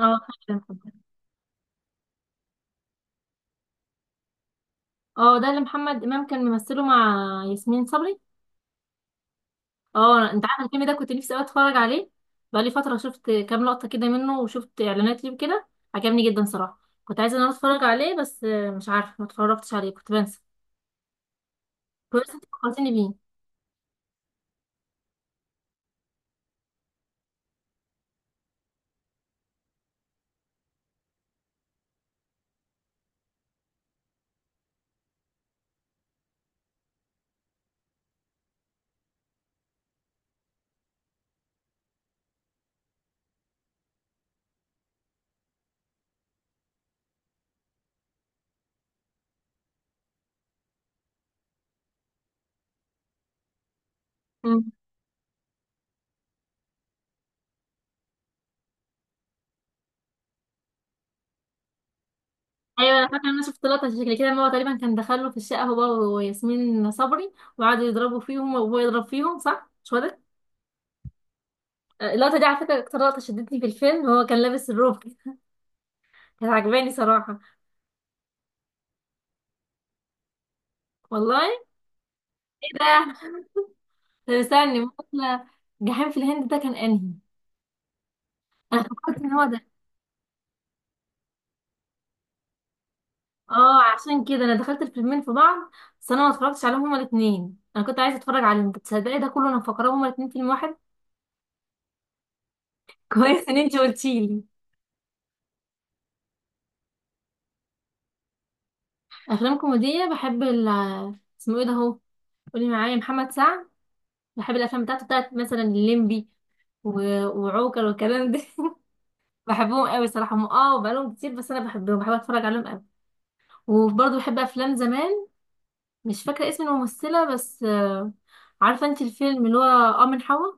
اه، فعلا فعلا. اه ده اللي محمد امام كان ممثله مع ياسمين صبري. اه انت عارف الفيلم ده كنت نفسي قوي اتفرج عليه، بقالي فتره شفت كام لقطه كده منه وشفت اعلانات ليه كده. عجبني جدا صراحه، كنت عايزه ان انا اتفرج عليه بس مش عارفه، ما اتفرجتش عليه كنت بنسى. كويس انت فكرتني بيه. مم. ايوه انا فاكره ان انا شفت لقطه شكل كده، ان هو تقريبا كان دخله في الشقه هو وياسمين صبري، وقعدوا يضربوا فيهم وهو يضرب فيهم، صح؟ مش هو ده؟ اللقطه دي على فكره اكتر لقطه شدتني في الفيلم، هو كان لابس الروب كده. كانت عجباني صراحه. والله ده طب استني مثلا، جحيم في الهند ده كان انهي؟ انا فكرت ان هو ده. اه عشان كده انا دخلت الفيلمين في بعض، بس انا ما اتفرجتش عليهم هما الاثنين، انا كنت عايزه اتفرج عليهم. كنت تصدقي ده كله انا مفكراه هما الاثنين فيلم واحد! كويس ان انت قلتيلي. افلام كوميديه، بحب ال، اسمه ايه ده اهو، قولي معايا، محمد سعد. بحب الافلام بتاعته، بتاعت مثلا الليمبي وعوكل والكلام ده. بحبهم قوي صراحه، هم اه بقالهم كتير، بس انا بحبهم، بحب اتفرج عليهم قوي. وبرضه بحب افلام زمان، مش فاكرة اسم الممثلة بس، عارفة انت الفيلم اللي هو اه من حوا؟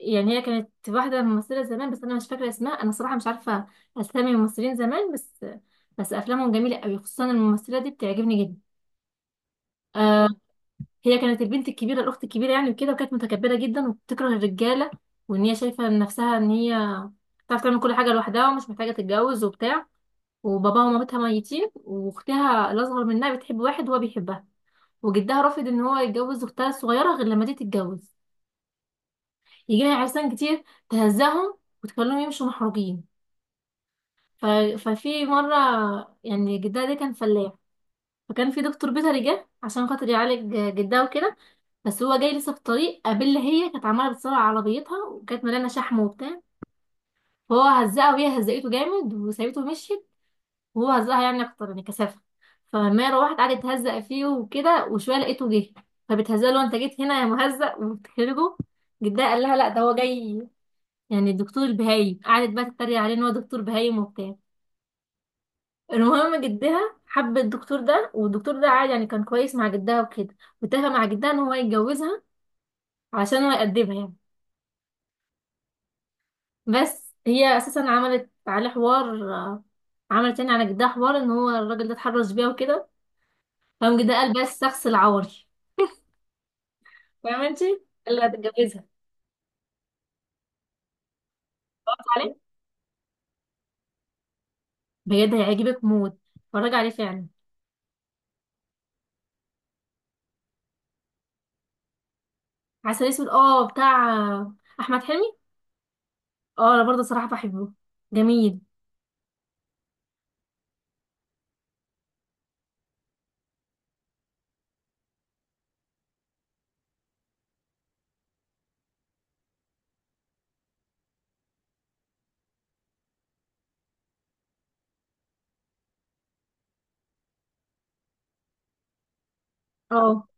يعني هي كانت واحدة ممثلة زمان بس انا مش فاكرة اسمها، انا صراحة مش عارفة اسامي الممثلين زمان، بس بس افلامهم جميلة قوي، خصوصا الممثلة دي بتعجبني جدا. آه، هي كانت البنت الكبيرة، الاخت الكبيرة يعني، وكده وكانت متكبرة جدا وبتكره الرجالة، وان هي شايفة نفسها ان هي بتعرف تعمل كل حاجة لوحدها ومش محتاجة تتجوز وبتاع. وباباها ومامتها ميتين، واختها الاصغر منها بتحب واحد وهو بيحبها، وجدها رافض ان هو يتجوز اختها الصغيره غير لما دي تتجوز. يجي لها عرسان كتير تهزهم وتخليهم يمشوا محروجين. ف... ففي مره، يعني جدها ده كان فلاح، فكان في دكتور بيطري جه عشان خاطر يعالج جدها وكده. بس هو جاي لسه في الطريق، قابل، هي كانت عماله بتسرع عربيتها وكانت مليانه شحم وبتاع، فهو هزقها وهي هزقته جامد وسابته ومشيت، وهو هزقها يعني اكتر يعني كثافه. فالمية روحت قعدت تهزق فيه وكده، وشويه لقيته جه، فبتهزقه له، انت جيت هنا يا مهزق، وبتخرجه. جدها قال لها لا ده هو جاي، يعني الدكتور البهايم. قعدت بقى تتريق عليه ان هو دكتور بهايم وبتاع. المهم جدها حب الدكتور ده، والدكتور ده عادي يعني كان كويس مع جدها وكده، واتفق مع جدها ان هو يتجوزها عشان هو يقدمها يعني. بس هي اساسا عملت عليه حوار، عملت يعني على جدها حوار ان هو الراجل ده اتحرش بيها وكده. فقام جدها قال بس شخص العوري. فاهمة انت؟ اللي هتتجوزها. اتفرجت عليه، بجد هيعجبك موت، اتفرج عليه فعلا. عسل اسود اه بتاع احمد حلمي. اه انا برضه صراحة بحبه، جميل. اه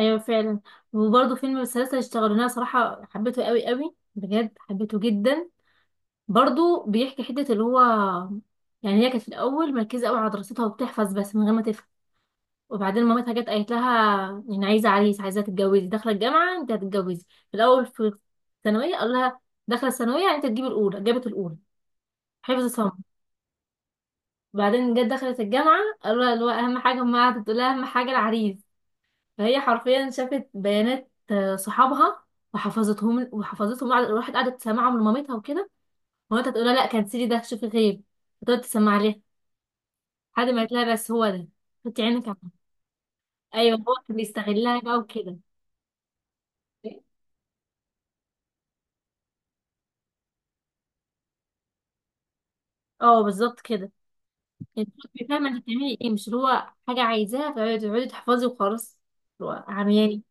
ايوه فعلا. وبرضه فيلم السلاسل اشتغلوا لنا صراحة، حبيته قوي قوي، بجد حبيته جدا. برضه بيحكي حتة اللي هو، يعني هي كانت في الاول مركزة قوي على دراستها وبتحفظ بس من غير ما تفهم. وبعدين مامتها جت قالت لها، يعني عايزه عريس، عايزه تتجوزي، داخله الجامعه انت هتتجوزي. في الاول في الثانويه قال لها، داخله الثانويه يعني انت تجيبي الاولى، جابت الاولى حفظ صم. وبعدين جت دخلت الجامعه قالوا لها اللي هو اهم حاجه، ما قعدت تقول لها اهم حاجه العريس. فهي حرفيا شافت بيانات صحابها وحفظتهم وحفظتهم، راحت قعدت تسمعهم لمامتها وكده. مامتها تقول لها لا كنسلي ده، شوفي غير، فتقعد تسمع لها لحد ما قالت لها بس هو ده، حطي عينك عليه. ايوه هو كان بيستغلها بقى وكده. اه بالظبط كده. انت بتبقي فاهمه انت بتعملي ايه، مش اللي هو حاجه عايزاها فتقعدي تقعدي تحفظي وخلاص، اللي هو عمياني.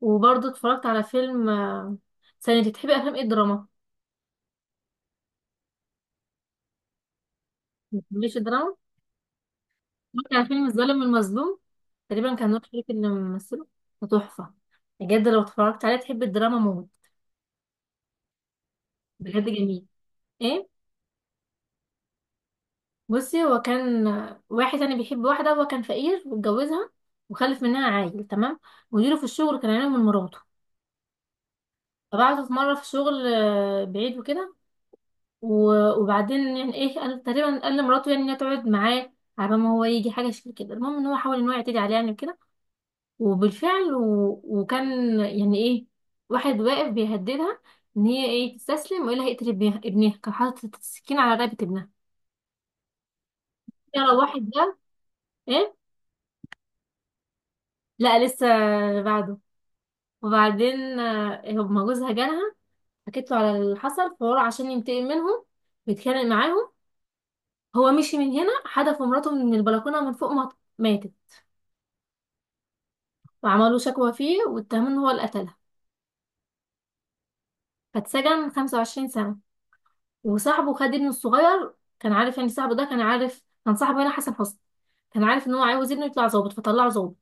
وبرضه اتفرجت على فيلم ثانية، انت بتحبي افلام ايه، الدراما؟ ما بتحبيش الدراما؟ اتفرجت على فيلم الظالم المظلوم، تقريبا كان نور شريف اللي ممثله، ده تحفه، بجد لو اتفرجت عليه تحبي الدراما موت، بجد جميل. ايه؟ بصي، هو كان واحد يعني بيحب واحده، هو كان فقير واتجوزها وخلف منها عيل، تمام؟ مديره في الشغل كان عينه من مراته، فبعته في مره في شغل بعيد وكده. وبعدين يعني ايه، قال تقريبا قال لمراته يعني انها تقعد معاه على ما هو يجي، حاجه شكل كده. المهم ان هو حاول ان هو يعتدي عليها يعني كده، وبالفعل وكان يعني ايه، واحد واقف بيهددها ان هي ايه، تستسلم ولا هيقتل ابنها. ابنها كان حاطط السكين على رقبه ابنها. يلا واحد ده. ايه؟ لا لسه، بعده. وبعدين هما جوزها جالها، حكيت له على اللي حصل، فهو عشان ينتقم منهم بيتخانق معاهم. هو مشي من هنا، حدف مراته من البلكونه من فوق، ما ماتت. وعملوا شكوى فيه واتهموه ان هو اللي قتلها، فاتسجن 25 سنة. وصاحبه خد ابنه الصغير، كان عارف يعني، صاحبه ده كان عارف، كان صاحبه هنا حسن حسني، كان عارف ان هو عاوز ابنه يطلع ظابط فطلعه ظابط.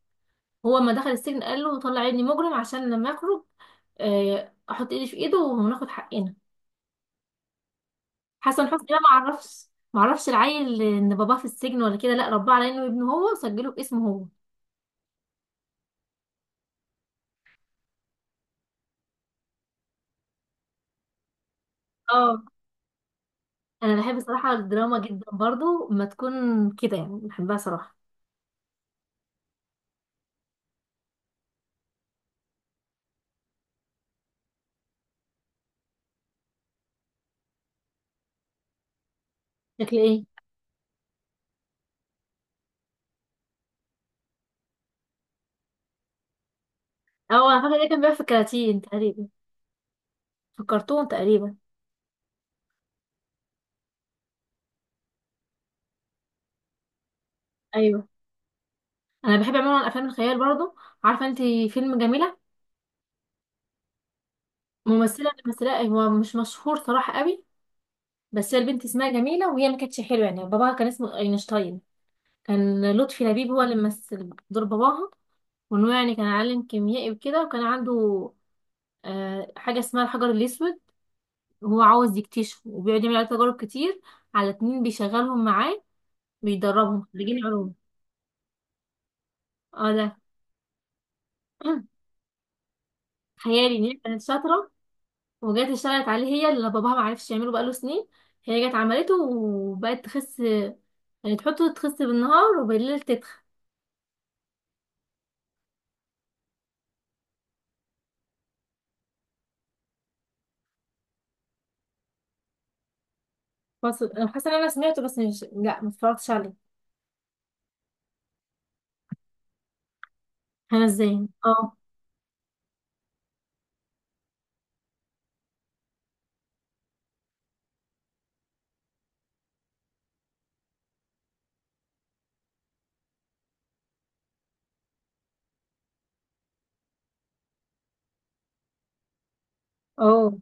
هو لما دخل السجن قال له طلع ابني مجرم، عشان لما يخرج، احط ايدي في ايده وناخد حقنا. حسن حسني ده ما عرفش العيل ان باباه في السجن ولا كده، لا رباه على انه ابنه هو وسجله باسمه هو. اه انا بحب صراحة الدراما جدا برضو، ما تكون كده يعني بحبها صراحة. شكل ايه؟ اه انا فاكره ده كان بيبقى في الكراتين تقريبا، في الكرتون تقريبا. ايوه انا بحب عموما افلام الخيال برضو. عارفه انت فيلم جميله؟ ممثله اللي مثلها هو مش مشهور صراحه قوي، بس هي البنت اسمها جميله وهي ما كانتش حلوه يعني. باباها كان اسمه اينشتاين، كان لطفي لبيب هو اللي مثل دور باباها، وانه يعني كان عالم كيميائي وكده، وكان عنده آه حاجه اسمها الحجر الاسود، وهو عاوز يكتشفه وبيقعد يعمل عليه تجارب كتير على اتنين بيشغلهم معاه، بيدربهم، خريجين علوم. اه ده. خيالي ان هي كانت شاطره، وجات اشتغلت عليه هي اللي باباها ما عرفش يعمله بقاله سنين، هي جت عملته وبقت تخس، يعني تحطه تخس بالنهار وبالليل تتخن. بس انا حاسه ان انا سمعته بس مش، لا ما اتفرجتش عليه. انا ازاي، اه. اه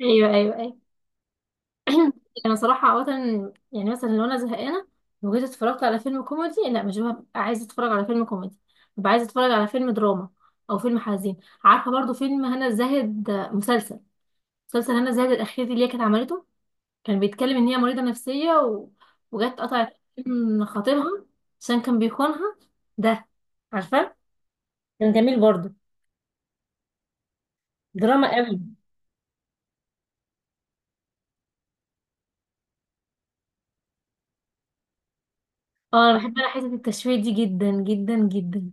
ايوه ايوه ايوه. انا صراحه عاده، يعني مثلا لو انا زهقانه وجيت اتفرجت على فيلم كوميدي، لا مش ببقى عايزه اتفرج على فيلم كوميدي، ببقى عايزه اتفرج على فيلم دراما او فيلم حزين. عارفه برضو فيلم هنا الزاهد، مسلسل مسلسل هنا زاهد الأخير دي اللي هي كانت عملته، كان بيتكلم إن هي مريضة نفسية وجت قطعت من خطيبها عشان كان بيخونها. ده عارفة، كان جميل برضه، دراما قوي. اه انا بحب، انا حته التشويق دي جدا جدا جدا.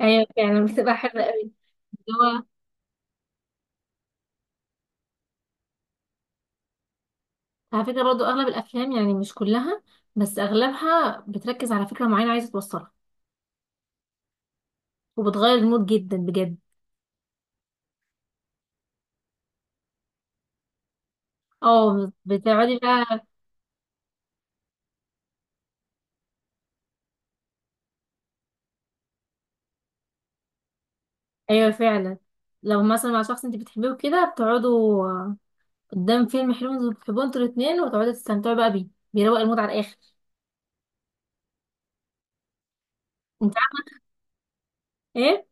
ايوه يعني بتبقى حلوه قوي. اللي هو على فكره برضه اغلب الافلام، يعني مش كلها بس اغلبها، بتركز على فكره معينه عايزه توصلها، وبتغير المود جدا بجد. اه بتقعدي بقى. ايوه فعلا، لو مثلا مع شخص انت بتحبيه وكده، بتقعدوا قدام فيلم حلو بتحبوه انتوا الاتنين وتقعدوا تستمتعوا بقى بيه، بيروق المود على الاخر. انت عارف ايه،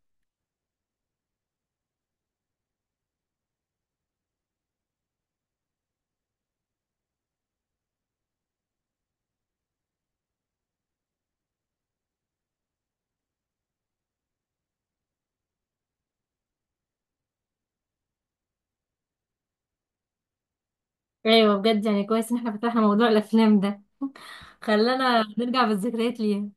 ايوه بجد يعني كويس ان احنا فتحنا موضوع الافلام ده. خلانا نرجع بالذكريات ليها.